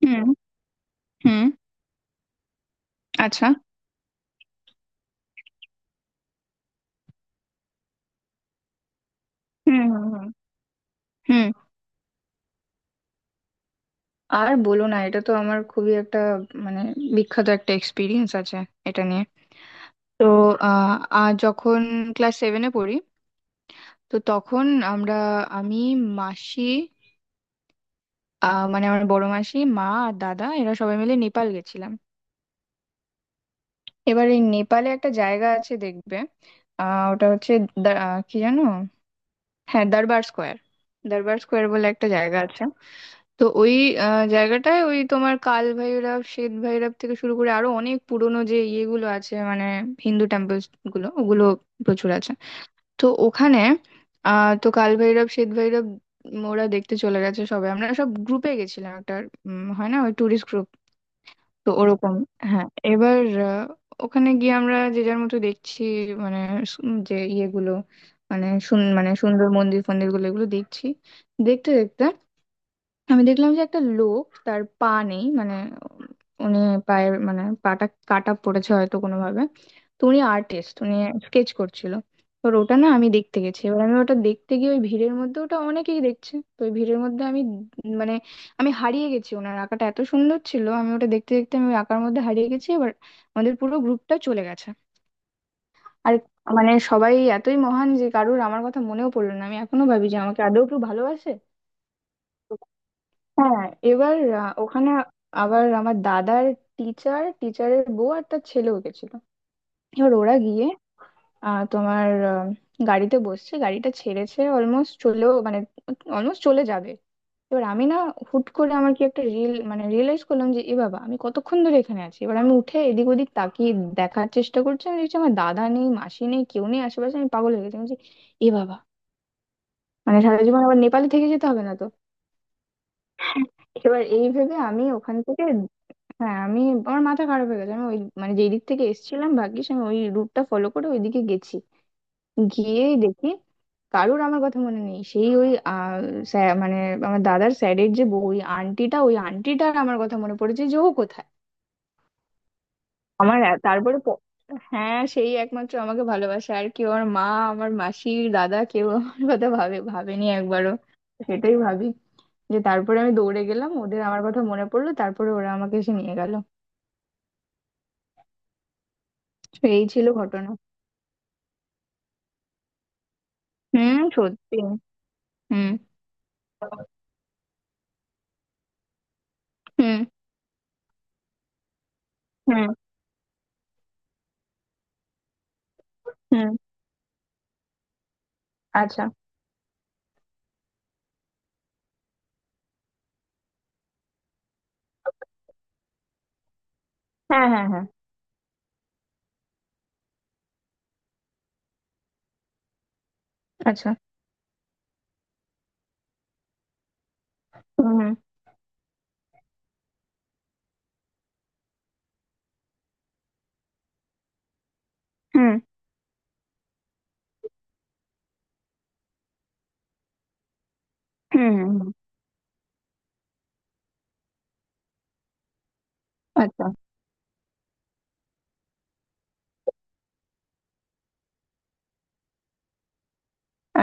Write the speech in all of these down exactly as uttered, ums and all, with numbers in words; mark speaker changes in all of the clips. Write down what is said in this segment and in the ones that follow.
Speaker 1: হুম হুম, আচ্ছা। হুম হুম হুম হুম। আর বলো না, এটা তো আমার খুবই একটা মানে বিখ্যাত একটা এক্সপিরিয়েন্স আছে এটা নিয়ে। তো আহ আহ, যখন ক্লাস সেভেনে পড়ি, তো তখন আমরা, আমি, মাসি, আহ, মানে আমার বড় মাসি, মা আর দাদা এরা সবাই মিলে নেপাল গেছিলাম। এবার এই নেপালে একটা জায়গা আছে দেখবে, আহ ওটা হচ্ছে দা- আহ, কি জানো, হ্যাঁ দরবার স্কোয়ার, দরবার স্কোয়ার বলে একটা জায়গা আছে। তো ওই আহ, জায়গাটায় ওই তোমার কাল ভৈরব, শ্বেত ভৈরব থেকে শুরু করে আরো অনেক পুরনো যে ইয়েগুলো আছে, মানে হিন্দু টেম্পলস গুলো ওগুলো প্রচুর আছে। তো ওখানে আহ তো কাল ভৈরব, শ্বেত ভৈরব, উম, ওরা দেখতে চলে গেছে সবাই। আমরা সব গ্রুপে গেছিলাম একটা, উম, হয় না ওই ট্যুরিস্ট গ্রুপ, তো ওরকম। হ্যাঁ এবার আহ, ওখানে গিয়ে আমরা যে যার মতো দেখছি, মানে সু- যে ইয়েগুলো, মানে সুন মানে সুন্দর মন্দির ফন্দির গুলো এগুলো দেখছি। দেখতে দেখতে আমি দেখলাম যে একটা লোক, তার পা নেই, মানে উনি পায়ের মানে পাটা কাটা পড়েছে হয়তো কোনো ভাবে। তো উনি আর্টিস্ট, উনি স্কেচ করছিল। এবার ওটা না আমি দেখতে গেছি, এবার আমি ওটা দেখতে গিয়ে ওই ভিড়ের মধ্যে, ওটা অনেকেই দেখছে তো ওই ভিড়ের মধ্যে আমি উম মানে আমি হারিয়ে গেছি। ওনার আঁকাটা এত সুন্দর ছিল, আমি ওটা দেখতে দেখতে আমি ওই আঁকার মধ্যে হারিয়ে গেছি। এবার আমাদের পুরো গ্রুপটা চলে গেছে আর মানে সবাই এতই মহান যে কারুর আমার কথা মনেও পড়লো না। আমি এখনো ভাবি যে আমাকে আদৌ কেউ ভালোবাসে। হ্যাঁ এবার আহ, ওখানে আবার আমার দাদার টিচার, টিচারের বউ আর তার ছেলেও গেছিল। এবার ওরা গিয়ে আহ, তোমার আহ, গাড়িতে বসছে, গাড়িটা ছেড়েছে, অলমোস্ট চলেও মানে অলমোস্ট চলে যাবে। এবার আমি না হুট করে আমার কি একটা রিল মানে রিয়েলাইজ করলাম যে এ বাবা, আমি কতক্ষণ ধরে এখানে আছি। এবার আমি উঠে এদিক ওদিক তাকিয়ে দেখার চেষ্টা করছি, আমি দেখছি আমার দাদা নেই, মাসি নেই, কেউ নেই আশেপাশে। আমি পাগল হয়ে গেছি, আমি বলছি, এ বাবা, মানে সারা জীবন আবার নেপালে থেকে যেতে হবে না তো। এবার এই ভেবে আমি ওখান থেকে, হ্যাঁ আমি, আমার মাথা খারাপ হয়ে গেছে। আমি ওই মানে যেই দিক থেকে এসেছিলাম, ভাগ্যিস আমি ওই রুটটা ফলো করে ওইদিকে গেছি। গিয়েই দেখি কারুর আমার কথা মনে নেই, সেই ওই আহ, স্যা- মানে আমার দাদার স্যারের যে বউ, ওই আন্টিটা, ওই আন্টিটার আমার কথা মনে পড়েছে যে ও কোথায়। আমার এ- তারপরে প- হ্যাঁ সেই একমাত্র আমাকে ভালোবাসে, আর কেউ, আমার মা, আমার মাসির দাদা, কেউ আমার কথা ভাবে ভাবেনি একবারও, সেটাই ভাবি। যে তারপরে আমি দৌড়ে গেলাম, ওদের আমার কথা মনে পড়লো, তারপরে ওরা আমাকে এসে নিয়ে গেল। তো এই ছিল ঘটনা। হুম সত্যি। হুম হুম হুম হুম, আচ্ছা। হ্যাঁ হ্যাঁ হ্যাঁ, আচ্ছা। হুম হুম হুম হুম হুম, হুম। আচ্ছা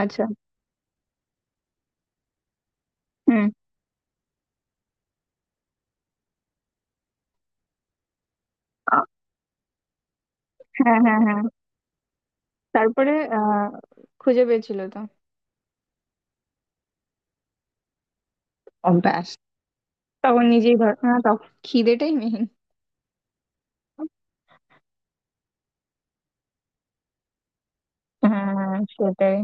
Speaker 1: আচ্ছা। হুম আ- হ্যাঁ হ্যাঁ হ্যাঁ। তারপরে আহ খুঁজে পেয়েছিল তো? অভ্যাস তখন নিজেই ধর হ্যাঁ তখন খিদেটাই মেইন। হ্যাঁ সেটাই।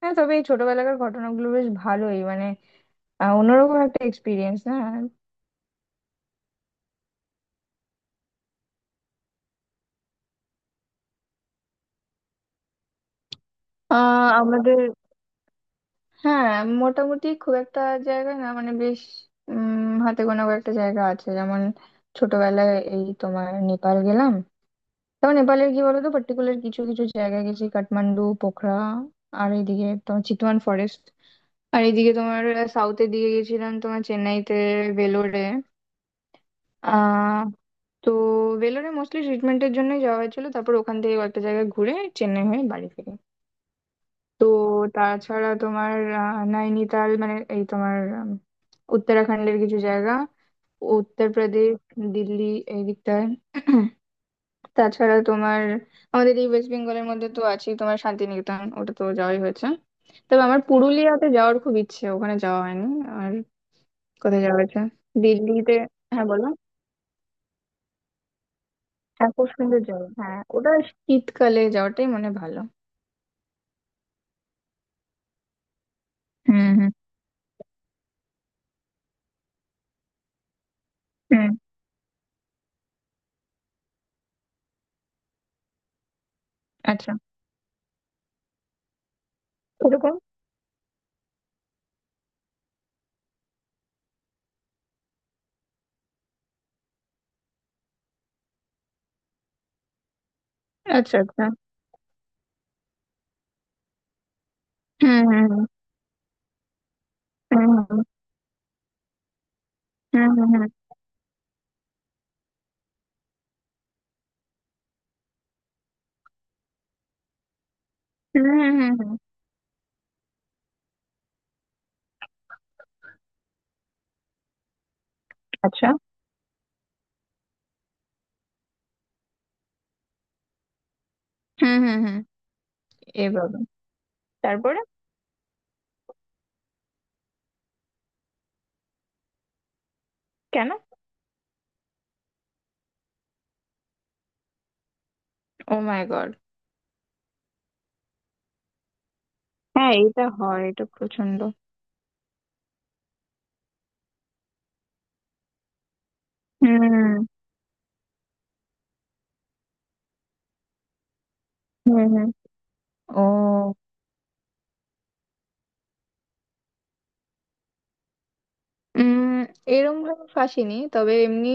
Speaker 1: হ্যাঁ তবে এই ছোটবেলাকার ঘটনাগুলো বেশ ভালোই মানে আহ, অন্যরকম একটা এক্সপিরিয়েন্স, না? আহ আমাদের, হ্যাঁ মোটামুটি খুব একটা জায়গা না, মানে বেশ উম হাতে গোনা কয়েকটা জায়গা আছে। যেমন ছোটবেলায় এই তোমার নেপাল গেলাম, তখন নেপালের কি বলতো পার্টিকুলার কিছু কিছু জায়গায় গেছি, কাঠমান্ডু, পোখরা, আর এইদিকে তোমার চিতওয়ান ফরেস্ট, আর এইদিকে তোমার সাউথের দিকে গেছিলাম তোমার চেন্নাইতে, ভেলোরে। আহ তো ভেলোরে মোস্টলি ট্রিটমেন্টের জন্যই যাওয়া হয়েছিল, তারপর ওখান থেকে কয়েকটা জায়গায় ঘুরে চেন্নাই হয়ে বাড়ি ফিরি। তো তাছাড়া তোমার আহ, নৈনিতাল, মানে এই তোমার উম, উত্তরাখণ্ডের কিছু জায়গা, উত্তরপ্রদেশ, দিল্লি এই দিকটায়। তাছাড়া তোমার আমাদের এই ওয়েস্ট বেঙ্গলের মধ্যে তো আছে তোমার শান্তিনিকেতন, ওটা তো যাওয়াই হয়েছে। তবে আমার পুরুলিয়াতে যাওয়ার খুব ইচ্ছে, ওখানে যাওয়া হয়নি। আর কোথায় যাওয়া হয়েছে? দিল্লিতে, হ্যাঁ বলো। হ্যাঁ খুব সুন্দর জায়গা, হ্যাঁ ওটা শীতকালে যাওয়াটাই মনে হয় ভালো। হুম হুম হুম, আচ্ছা। ওরকম। আচ্ছা আচ্ছা। হুম হুম হুম হুম, হুম। হুম হুম হুম হুম হুম হুম হুম। আচ্ছা। হুম হুম হুম। এভাবে তারপরে কেন? Oh my God. হ্যাঁ এটা হয়, এটা প্রচন্ড। হুম হুম হুম। ও, উম এরম ভাবে ফাঁসিনি তবে এমনি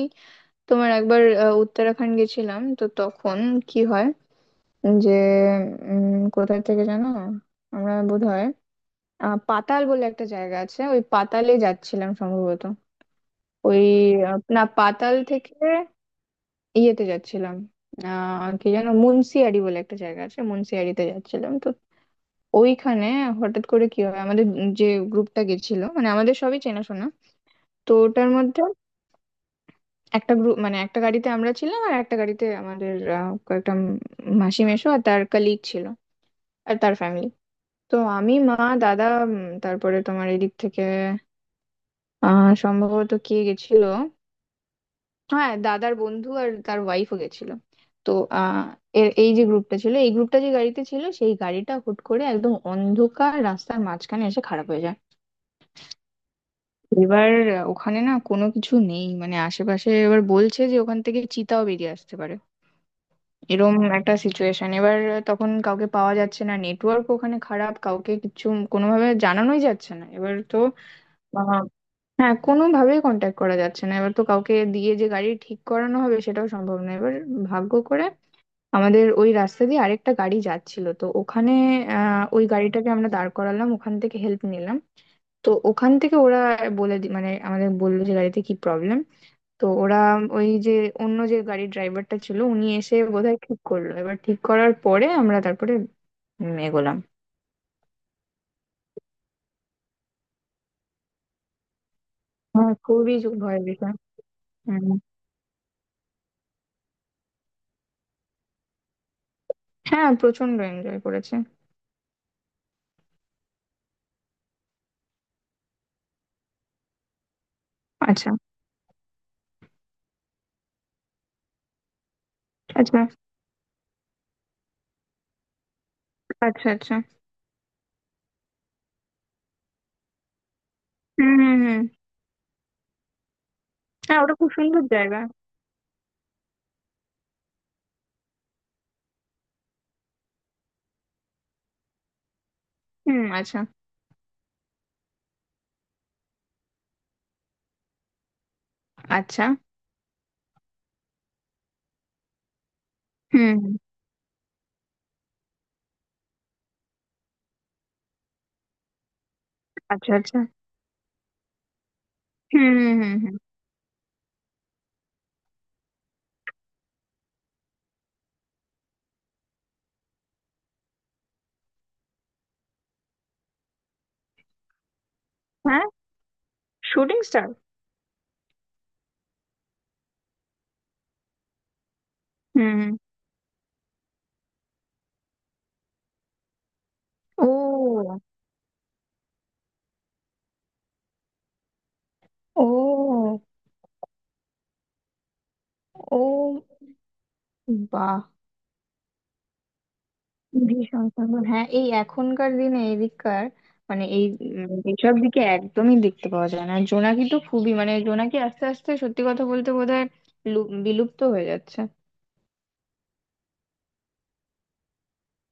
Speaker 1: তোমার একবার আহ, উত্তরাখণ্ড গেছিলাম তো তখন কি হয় যে উম কোথায় থেকে জানো, আমরা বোধ হয় পাতাল বলে একটা জায়গা আছে, ওই পাতালে যাচ্ছিলাম সম্ভবত। ওই আহ, না পাতাল থেকে ইয়েতে যাচ্ছিলাম, আহ কি যেন, মুন্সিয়ারি বলে একটা জায়গা আছে, মুন্সিয়ারিতে যাচ্ছিলাম। তো ওইখানে হঠাৎ করে কি হয় আমাদের, যে গ্রুপটা গেছিল মানে আমাদের সবই চেনাশোনা, তো ওটার মধ্যে একটা গ্রুপ মানে একটা গাড়িতে আমরা ছিলাম আর একটা গাড়িতে আমাদের আহ, কয়েকটা উম মাসি মেশো আর তার কলিগ ছিল আর তার ফ্যামিলি। তো আমি, মা, দাদা, উম, তারপরে তোমার এদিক থেকে আহ সম্ভবত কে গেছিল, হ্যাঁ দাদার বন্ধু আর তার ওয়াইফও গেছিল। তো আহ এর এই যে গ্রুপটা ছিল, এই গ্রুপটা যে গাড়িতে ছিল, সেই গাড়িটা হুট করে একদম অন্ধকার রাস্তার মাঝখানে এসে খারাপ হয়ে যায়। এবার আহ, ওখানে না কোনো কিছু নেই মানে আশেপাশে, এবার বলছে যে ওখান থেকে চিতাও বেরিয়ে আসতে পারে, এরম একটা সিচুয়েশন। এবার আহ, তখন কাউকে পাওয়া যাচ্ছে না, নেটওয়ার্ক ওখানে খারাপ, কাউকে কিছু কোনোভাবে জানানোই যাচ্ছে না এবার তো। আহ, হ্যাঁ কোনোভাবেই কন্ট্যাক্ট করা যাচ্ছে না, এবার তো কাউকে দিয়ে যে গাড়ি ঠিক করানো হবে সেটাও সম্ভব না। এবার ভাগ্য করে আমাদের ওই রাস্তা দিয়ে আরেকটা গাড়ি যাচ্ছিল তো ওখানে। আহ ওই গাড়িটাকে আমরা দাঁড় করালাম, ওখান থেকে হেল্প নিলাম। তো ওখান থেকে ওরা বলে দি- মানে আমাদের বললো যে গাড়িতে কি প্রবলেম। তো ওরা ওই যে অন্য যে গাড়ির ড্রাইভারটা ছিল, উনি এসে বোধহয় ঠিক করলো। এবার ঠিক করার পরে আমরা তারপরে উম, এগোলাম। হ্যাঁ খুবই যো- ভয়ের বিষয়। হুম। হ্যাঁ প্রচন্ড এনজয় করেছে। আচ্ছা আচ্ছা আচ্ছা আচ্ছা। হুম হুম হুম। হ্যাঁ ওটা খুব সুন্দর জায়গা। হুম আচ্ছা আচ্ছা। হুম হুম। আচ্ছা আচ্ছা। হুম হুম হুম হুম। হ্যাঁ শুটিং স্টার। হুম হুম। ও। ও। ও। বাহ, ভীষণ সুন্দর। হ্যাঁ এই এখনকার দিনে এদিককার মানে এই উম, এইসব দিকে একদমই দেখতে পাওয়া যায় না। আর জোনাকি তো খুবই মানে জোনাকি আস্তে আস্তে সত্যি কথা বলতে বোধহয় লু- বিলুপ্ত হয়ে যাচ্ছে।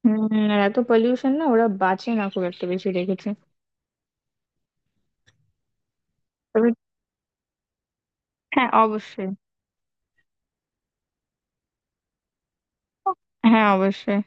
Speaker 1: হম। আর এত পলিউশন, না ওরা বাঁচে না, খুব একটা বেশি দেখেছে। তবে হ্যাঁ অবশ্যই। হ্যাঁ অবশ্যই।